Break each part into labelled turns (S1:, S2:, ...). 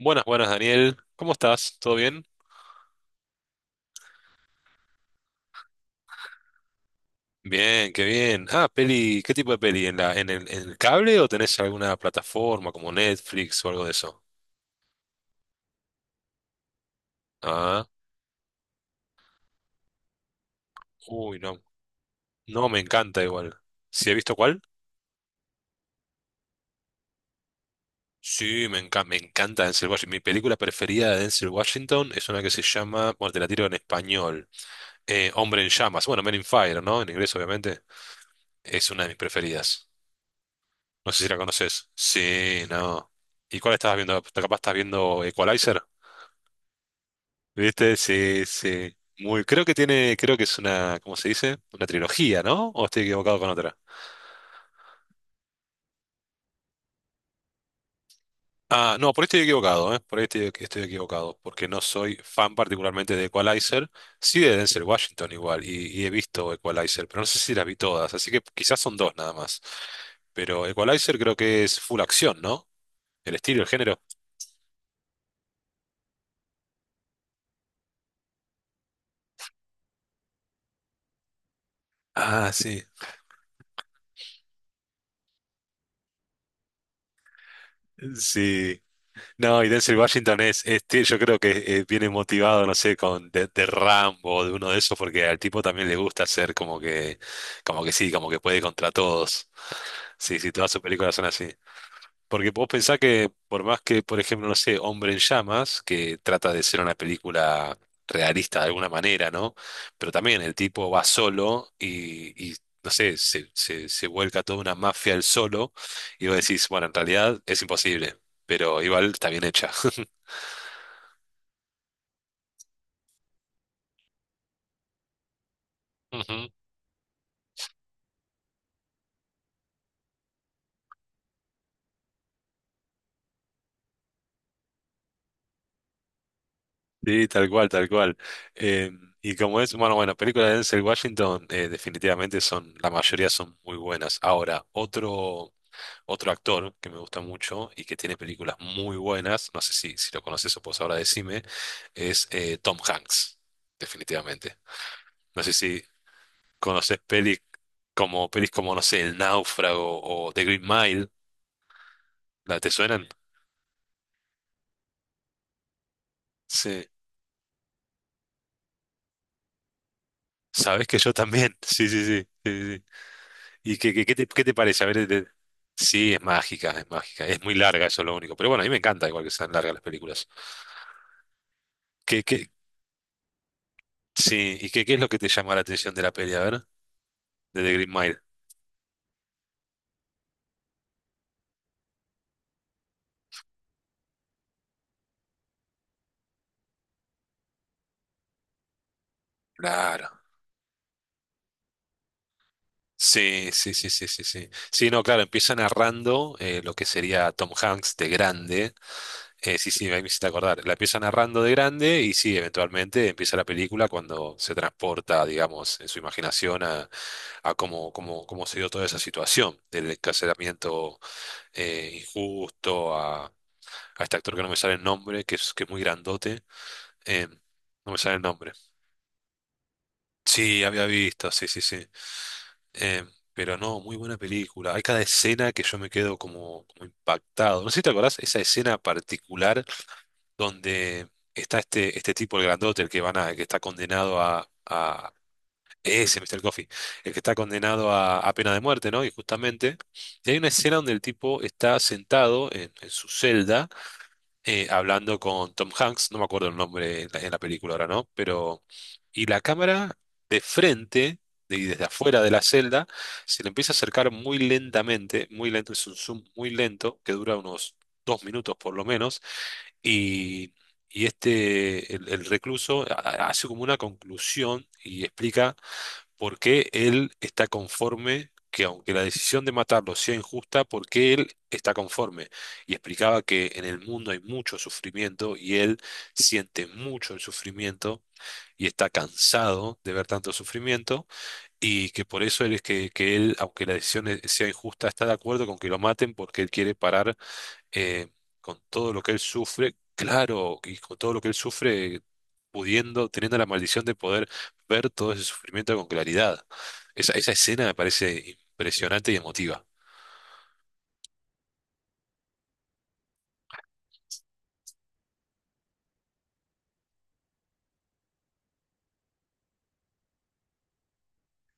S1: Buenas, buenas, Daniel. ¿Cómo estás? ¿Todo bien? Bien, qué bien. Ah, peli, ¿qué tipo de peli? ¿En la, en el cable o tenés alguna plataforma como Netflix o algo de eso? Ah, uy, no. No, me encanta igual. ¿Sí he visto cuál? Sí, me encanta Denzel Washington. Mi película preferida de Denzel Washington es una que se llama, bueno, te la tiro en español, Hombre en Llamas. Bueno, Men in Fire, ¿no? En inglés, obviamente. Es una de mis preferidas. No sé si la conoces. Sí, no. ¿Y cuál estabas viendo? Capaz estás viendo Equalizer. ¿Viste? Sí, sí. Muy, creo que tiene, creo que es una, ¿cómo se dice? Una trilogía, ¿no? ¿O estoy equivocado con otra? Ah, no, por ahí estoy equivocado, ¿eh? Por ahí estoy equivocado, porque no soy fan particularmente de Equalizer, sí de Denzel Washington igual, y he visto Equalizer, pero no sé si las vi todas, así que quizás son dos nada más. Pero Equalizer creo que es full acción, ¿no? El estilo, el género. Ah, sí. Sí. No, y Denzel Washington es- tie- yo creo que viene motivado, no sé, con de Rambo o de uno de esos, porque al tipo también le gusta ser como que sí, como que puede contra todos. Sí, sí, todas sus películas son así. Porque vos pensás que, por más que, por ejemplo, no sé, Hombre en Llamas, que trata de ser una película realista de alguna manera, ¿no? Pero también el tipo va solo y no sé, se vuelca toda una mafia él solo, y vos decís, bueno, en realidad es imposible, pero igual está bien hecha. Ujú. Sí, tal cual, tal cual. Eh, y como es, bueno, bueno, películas de Denzel Washington definitivamente son, la mayoría son muy buenas. Ahora, otro, otro actor que me gusta mucho y que tiene películas muy buenas, no sé si, si lo conoces o pues ahora decime, es Tom Hanks, definitivamente. No sé si conoces pelis como, no sé, El Náufrago o The Green Mile, ¿la te suenan? Sí. Sabes que yo también, sí, sí, sí, sí, sí. Sí. ¿Y qué, qué, qué te parece? A ver, de- sí, es mágica, es mágica. Es muy larga, eso es lo único. Pero bueno, a mí me encanta igual que sean largas las películas. ¿Qué, qué, sí, ¿y qué, qué es lo que te llama la atención de la peli? A ver, de The Green Mile. Claro. Sí, sí, sí, sí, sí, sí. Sí, no, claro, empieza narrando lo que sería Tom Hanks de grande. Sí, sí, ahí me hiciste acordar. La empieza narrando de grande y sí, eventualmente empieza la película cuando se transporta, digamos, en su imaginación a cómo, cómo, cómo se dio toda esa situación del encarcelamiento injusto, a este actor que no me sale el nombre, que es muy grandote. eh, no me sale el nombre. Sí, había visto, sí, sí, sí. Eh, pero no, muy buena película. Hay cada escena que yo me quedo como, como impactado. No sé si te acordás esa escena particular donde está este, este tipo, el grandote, el que van a, el que está condenado a ese Mr. Coffee, el que está condenado a pena de muerte, ¿no? Y justamente, y hay una escena donde el tipo está sentado en su celda hablando con Tom Hanks, no me acuerdo el nombre en la película ahora, ¿no? Pero, y la cámara de frente, de- y desde afuera de la celda, se le empieza a acercar muy lentamente, muy lento, es un zoom muy lento, que dura unos dos minutos por lo menos, y, y este, el recluso ha- hace como una conclusión y explica por qué él está conforme, que aunque la decisión de matarlo sea injusta, por qué él está conforme. Y explicaba que en el mundo hay mucho sufrimiento y él siente mucho el sufrimiento y está cansado de ver tanto sufrimiento y que por eso él es que él, aunque la decisión e- sea injusta, está de acuerdo con que lo maten porque él quiere parar eh, con todo lo que él sufre, claro, y con todo lo que él sufre, pudiendo, teniendo la maldición de poder ver todo ese sufrimiento con claridad. Esa escena me parece impresionante y emotiva.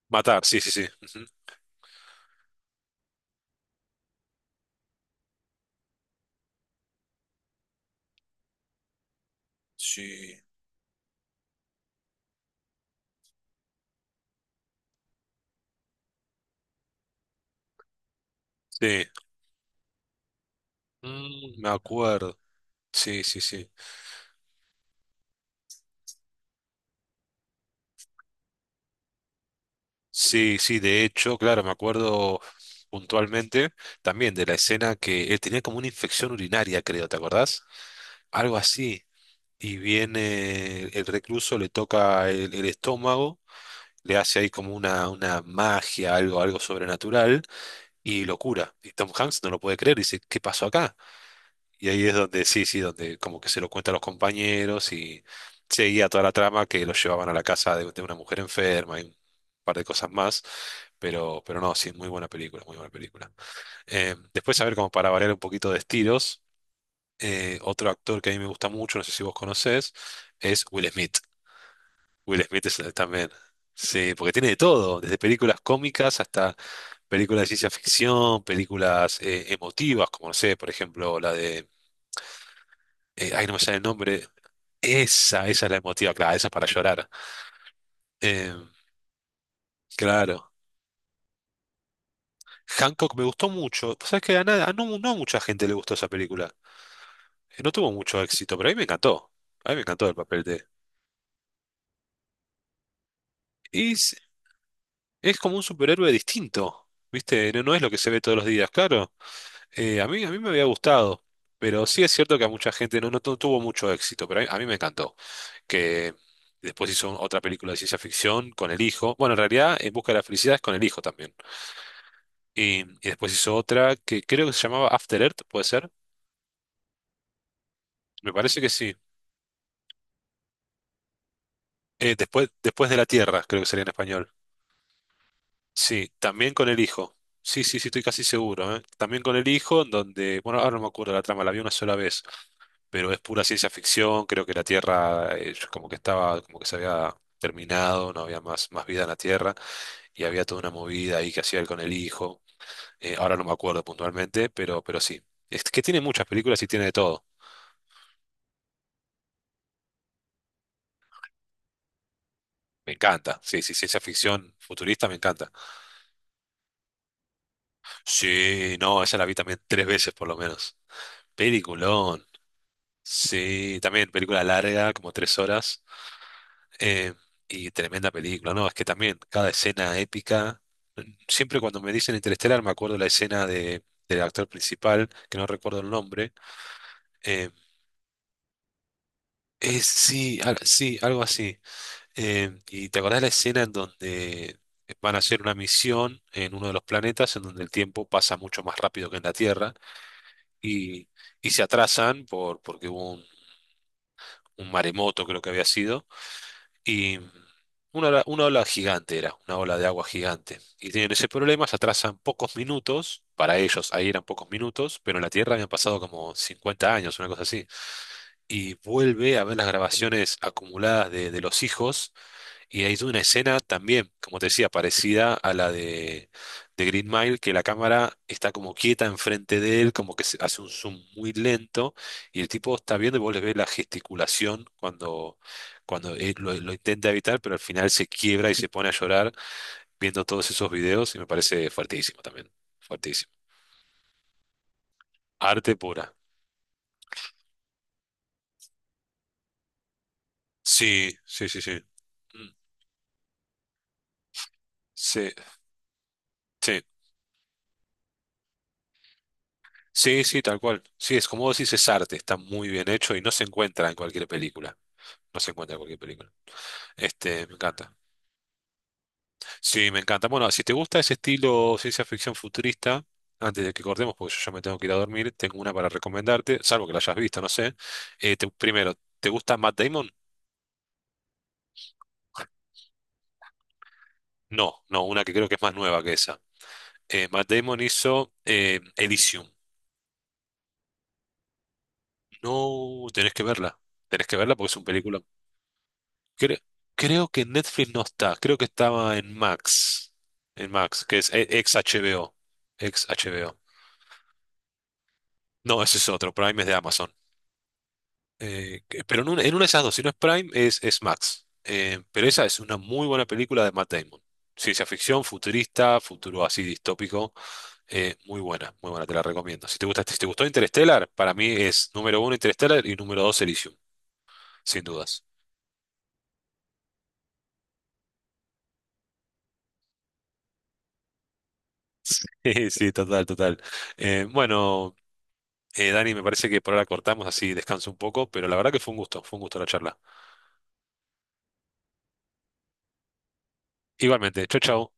S1: Matar, sí, sí, sí. Ujú. Sí, sí. Mm, me acuerdo. Sí, sí, sí. Sí, sí, de hecho, claro, me acuerdo puntualmente también de la escena que él tenía como una infección urinaria, creo, ¿te acordás? Algo así. Y viene el recluso, le toca el estómago, le hace ahí como una magia, algo, algo sobrenatural, y lo cura. Y Tom Hanks no lo puede creer, dice, ¿qué pasó acá? Y ahí es donde, sí, sí, donde como que se lo cuenta a los compañeros y seguía toda la trama que lo llevaban a la casa de una mujer enferma y un par de cosas más. Pero no, sí, muy buena película, muy buena película. Después, a ver, como para variar un poquito de estilos, otro actor que a mí me gusta mucho, no sé si vos conocés, es Will Smith. Will Smith es- también. Sí, porque tiene de todo, desde películas cómicas hasta películas de ciencia ficción, películas emotivas, como no sé, por ejemplo, la de. Ay, no me sale el nombre. Esa es la emotiva, claro, esa es para llorar. Eh, claro. Hancock me gustó mucho. Pues sabes que a, nada- a no, no a mucha gente le gustó esa película. No tuvo mucho éxito, pero a mí me encantó. A mí me encantó el papel de. Y es como un superhéroe distinto, ¿viste? No, no es lo que se ve todos los días, claro. A mí, a mí me había gustado, pero sí es cierto que a mucha gente no, no tu- tuvo mucho éxito, pero a mí me encantó. Que después hizo otra película de ciencia ficción con el hijo. Bueno, en realidad, En busca de la felicidad es con el hijo también. Y después hizo otra que creo que se llamaba After Earth, ¿puede ser? Me parece que sí. Después, después de la Tierra, creo que sería en español. Sí, también con el hijo. Sí, sí, sí, estoy casi seguro, ¿eh? También con el hijo, en donde, bueno, ahora no me acuerdo la trama, la vi una sola vez. Pero es pura ciencia ficción, creo que la Tierra como que estaba, como que se había terminado, no había más, más vida en la Tierra, y había toda una movida ahí que hacía él con el hijo, ahora no me acuerdo puntualmente, pero sí, es que tiene muchas películas y tiene de todo. Me encanta, sí, sí, ciencia ficción futurista me encanta. Sí, no, esa la vi también tres veces por lo menos. Peliculón. Sí, también película larga, como tres horas. Eh, y tremenda película, ¿no? Es que también cada escena épica. Siempre cuando me dicen Interestelar me acuerdo la escena de, del actor principal, que no recuerdo el nombre. eh, es- sí, al- sí, algo así. Y te acordás la escena en donde van a hacer una misión en uno de los planetas en donde el tiempo pasa mucho más rápido que en la Tierra y, y se atrasan por, porque hubo un maremoto, creo que había sido. Y una ola gigante era, una ola de agua gigante. Y tienen ese problema, se atrasan pocos minutos, para ellos ahí eran pocos minutos, pero en la Tierra habían pasado como 50 años, una cosa así. Y vuelve a ver las grabaciones acumuladas de los hijos y hay una escena también, como te decía, parecida a la de Green Mile, que la cámara está como quieta enfrente de él, como que se hace un zoom muy lento, y el tipo está viendo y vos le ves la gesticulación cuando, cuando él lo intenta evitar, pero al final se quiebra y se pone a llorar viendo todos esos videos, y me parece fuertísimo también, fuertísimo. Arte pura. Sí, sí, sí, sí. Mm, sí, sí. Sí, sí, tal cual. Sí, es como vos decís, es arte, está muy bien hecho y no se encuentra en cualquier película. No se encuentra en cualquier película. Este, me encanta. Sí, me encanta. Bueno, si te gusta ese estilo ciencia ficción futurista, antes de que cortemos, porque yo ya me tengo que ir a dormir, tengo una para recomendarte, salvo que la hayas visto, no sé. Primero, ¿te gusta Matt Damon? No, no, una que creo que es más nueva que esa. Matt Damon hizo Elysium. No, tenés que verla. Tenés que verla porque es un película. Cre- creo que en Netflix no está, creo que estaba en Max. En Max, que es ex HBO. Ex HBO. No, ese es otro. Prime es de Amazon. Pero en una de esas dos, si no es Prime, es Max. Pero esa es una muy buena película de Matt Damon. Ciencia ficción, futurista, futuro así distópico. Muy buena, te la recomiendo. Si te gusta, si te gustó Interstellar, para mí es número uno Interstellar y número dos Elysium, sin dudas. Sí, sí, total, total. Eh, bueno, Dani, me parece que por ahora cortamos así, descanso un poco, pero la verdad que fue un gusto la charla. Igualmente, chau, chau.